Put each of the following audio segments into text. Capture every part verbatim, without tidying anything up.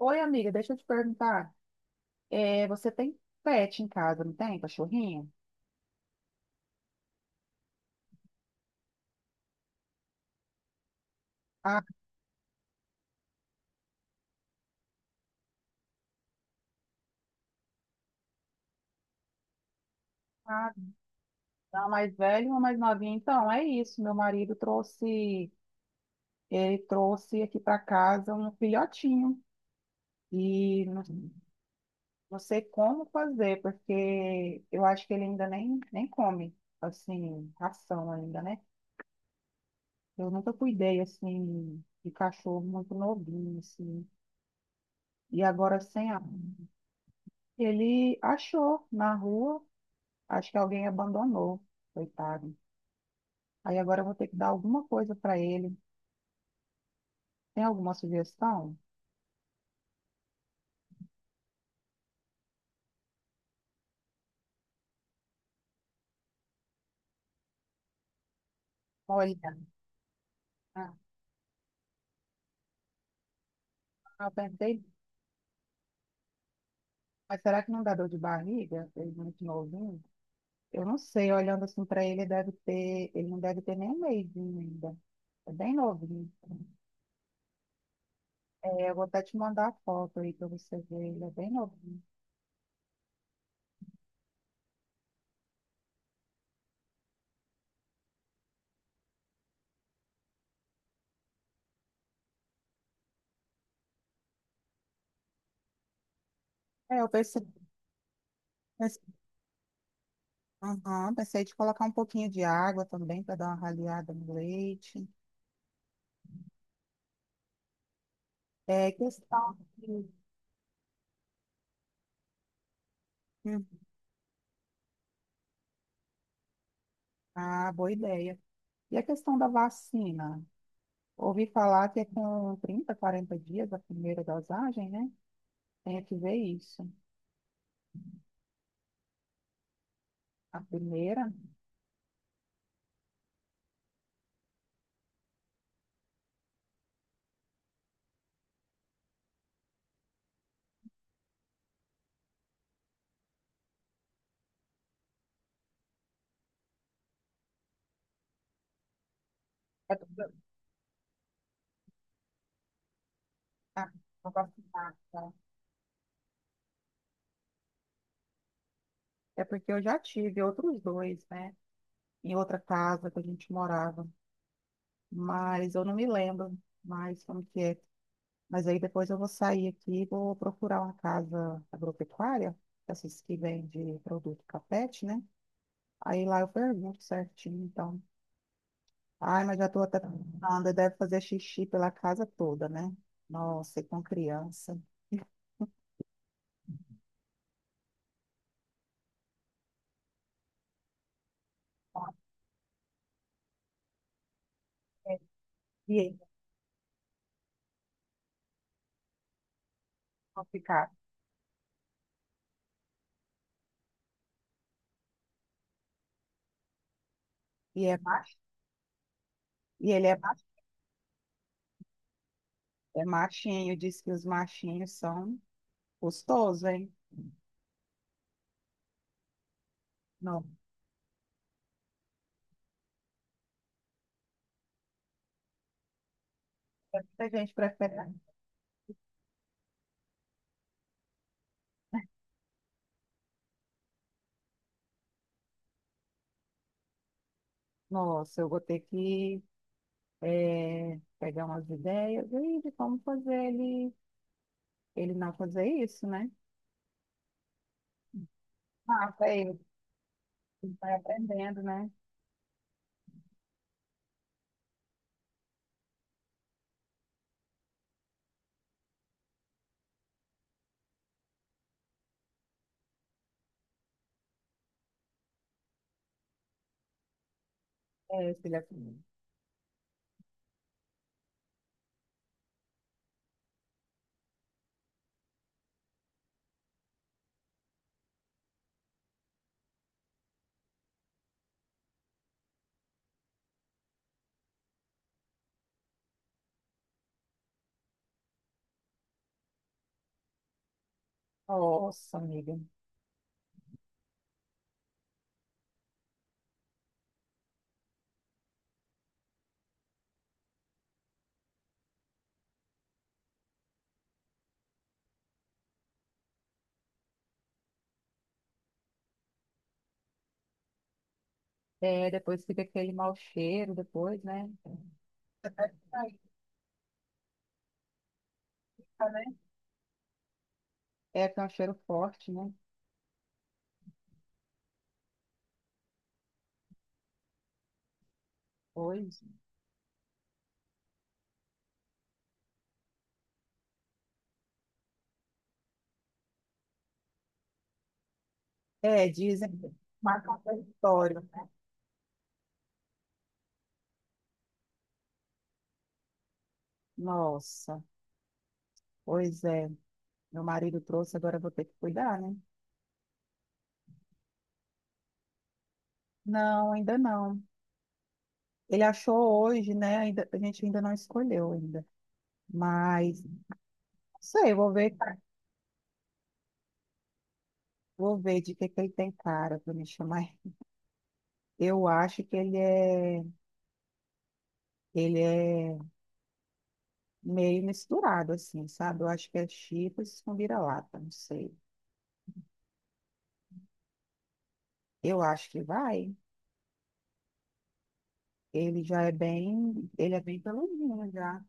Oi, amiga, deixa eu te perguntar. É, você tem pet em casa, não tem? Cachorrinho? Ah, tá. A mais velha e uma mais novinha. Então, é isso. Meu marido trouxe, ele trouxe aqui para casa um filhotinho. E não, não sei como fazer, porque eu acho que ele ainda nem, nem come, assim, ração ainda, né? Eu nunca cuidei, assim, de cachorro muito novinho, assim. E agora, sem a... Ele achou na rua. Acho que alguém abandonou, coitado. Aí agora eu vou ter que dar alguma coisa para ele. Tem alguma sugestão? Olha, ah, eu pensei, mas será que não dá dor de barriga? Ele é muito novinho. Eu não sei, olhando assim para ele, deve ter, ele não deve ter nem um mêsinho ainda. É bem novinho. É, eu vou até te mandar a foto aí para você ver, ele é bem novinho. É, eu pensei, pensei, aham, pensei de colocar um pouquinho de água também para dar uma raleada no leite. É questão de... Hum. Ah, boa ideia. E a questão da vacina? Ouvi falar que é com trinta, quarenta dias a primeira dosagem, né? Tem que ver isso. A primeira é porque, ah, não gosto de nada, tá? É porque eu já tive outros dois, né? Em outra casa que a gente morava. Mas eu não me lembro mais como que é. Mas aí depois eu vou sair aqui e vou procurar uma casa agropecuária, essas que vendem produto capete, né? Aí lá eu pergunto certinho, então. Ai, mas já tô até pensando, deve fazer xixi pela casa toda, né? Nossa, e com criança. E aí, vão ficar. E é macho, e ele é, macho- é machinho, diz que os machinhos são gostosos, hein? Não, muita gente prefere. Nossa, eu vou ter que eh, pegar umas ideias aí de como fazer ele, ele não fazer isso, né? Ah, vai, vai aprendendo, né? É, filha, assim. Nossa, amiga. É, depois fica aquele mau cheiro depois, né? Aí, tá, né? É que é um cheiro forte, né? Pois. É, dizem que marca o território, né? Nossa, pois é. Meu marido trouxe, agora eu vou ter que cuidar, né? Não, ainda não. Ele achou hoje, né? Ainda, a gente ainda não escolheu ainda. Mas, não sei, eu vou ver, vou ver de que que ele tem cara para me chamar. Eu acho que ele é, ele é meio misturado, assim, sabe? Eu acho que é chips com vira-lata, não sei. Eu acho que vai. Ele já é bem, ele é bem peludinho já,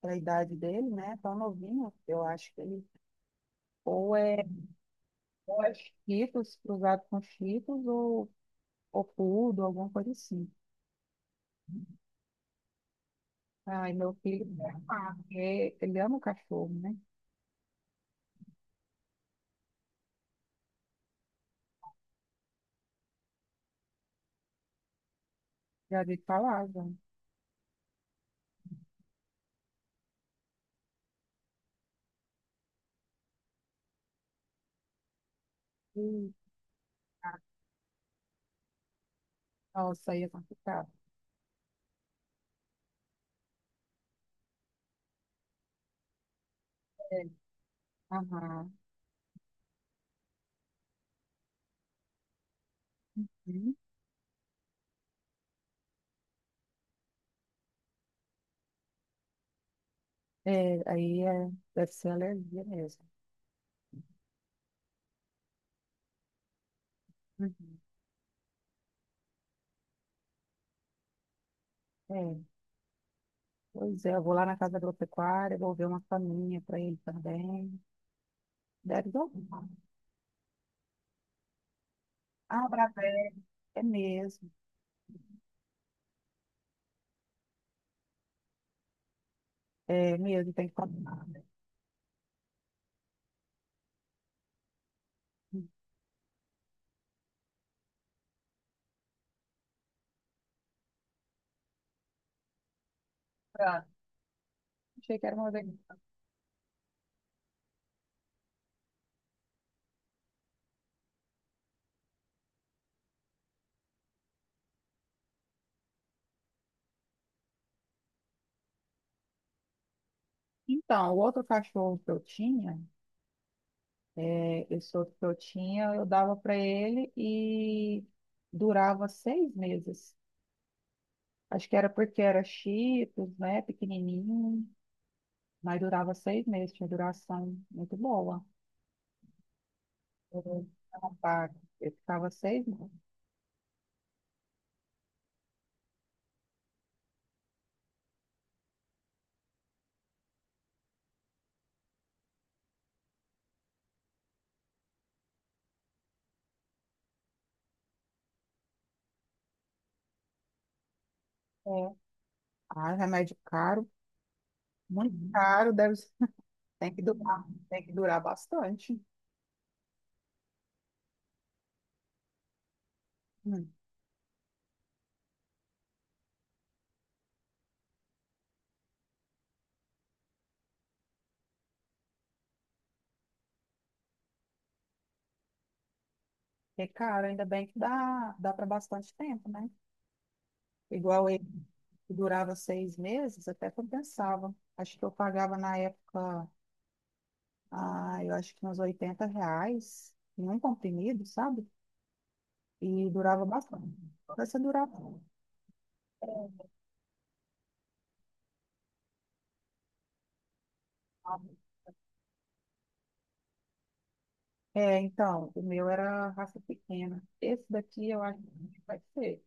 para a idade dele, né? Tão novinho, eu acho que ele ou é, ou é Cheetos cruzado com Cheetos ou, ou poodle, alguma coisa assim. Ai, meu filho, ah, porque ele ama o cachorro, né? Já vi falar, já. Ih, cara, nossa, aí é complicado. É, aham. Hum. É, aí é, deve ser alergia mesmo. Uhum. É, pois é, eu vou lá na casa agropecuária, vou ver uma faminha para ele também. Deve dar. Ah, pra. É mesmo, é mesmo, tem que comprar. Pra- achei que era uma vez. Então, o outro cachorro que eu tinha, é, esse outro que eu tinha, eu dava para ele e durava seis meses. Acho que era porque era chitos, né, pequenininho, mas durava seis meses, tinha duração muito boa. Eu- ela paga. Eu ficava seis meses. É, ah, remédio caro, muito caro, deve ser. Tem que durar, tem que durar bastante. Hum. É caro, ainda bem que dá, dá para bastante tempo, né? Igual ele, que durava seis meses, até compensava. Acho que eu pagava na época, ah, eu acho que uns oitenta reais em um comprimido, sabe? E durava bastante. Essa durava. É, então, o meu era raça pequena. Esse daqui eu acho que vai ser.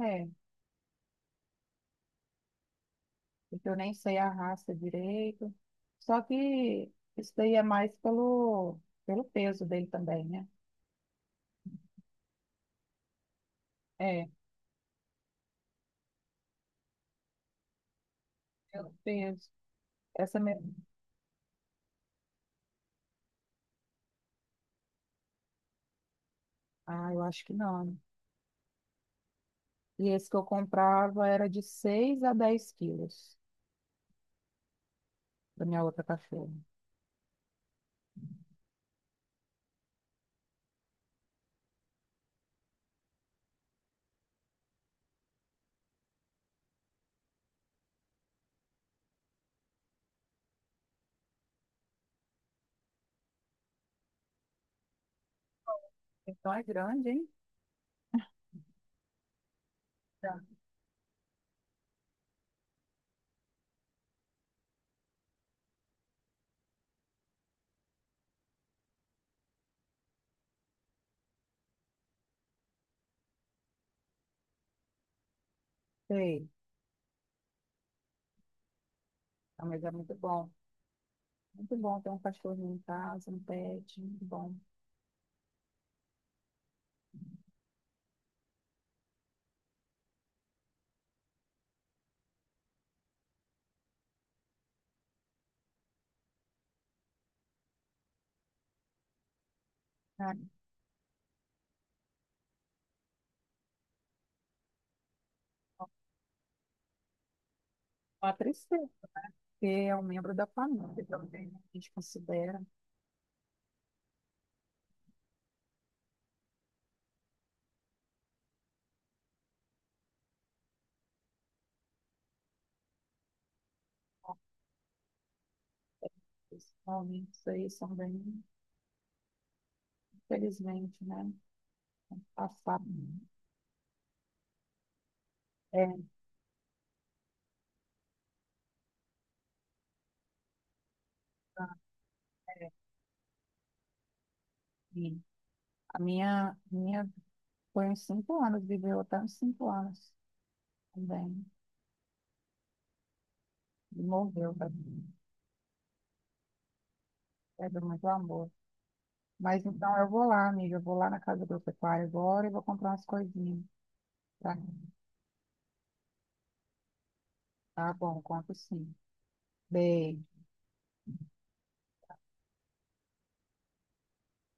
É, porque eu nem sei a raça direito. Só que isso daí é mais pelo, pelo peso dele também, né? É, pelo peso. Essa me... Ah, eu acho que não, né? E esse que eu comprava era de seis a dez quilos da minha outra cachorra. Então é grande, hein? Tá. Sei, ah, mas é muito bom. Muito bom ter um cachorrinho em casa, um pet, muito bom. Ah, então, uma tristeza, porque é um membro da família também, né? A gente considera. Os momentos aí são bem felizmente, né? Passar. É, é, e a minha, minha foi uns cinco anos, viveu até uns cinco anos também. E morreu, tá? Perdeu muito amor. Mas então eu vou lá, amiga, eu vou lá na casa do pecuário agora e vou comprar umas coisinhas. Tá, tá bom, conto sim. Beijo.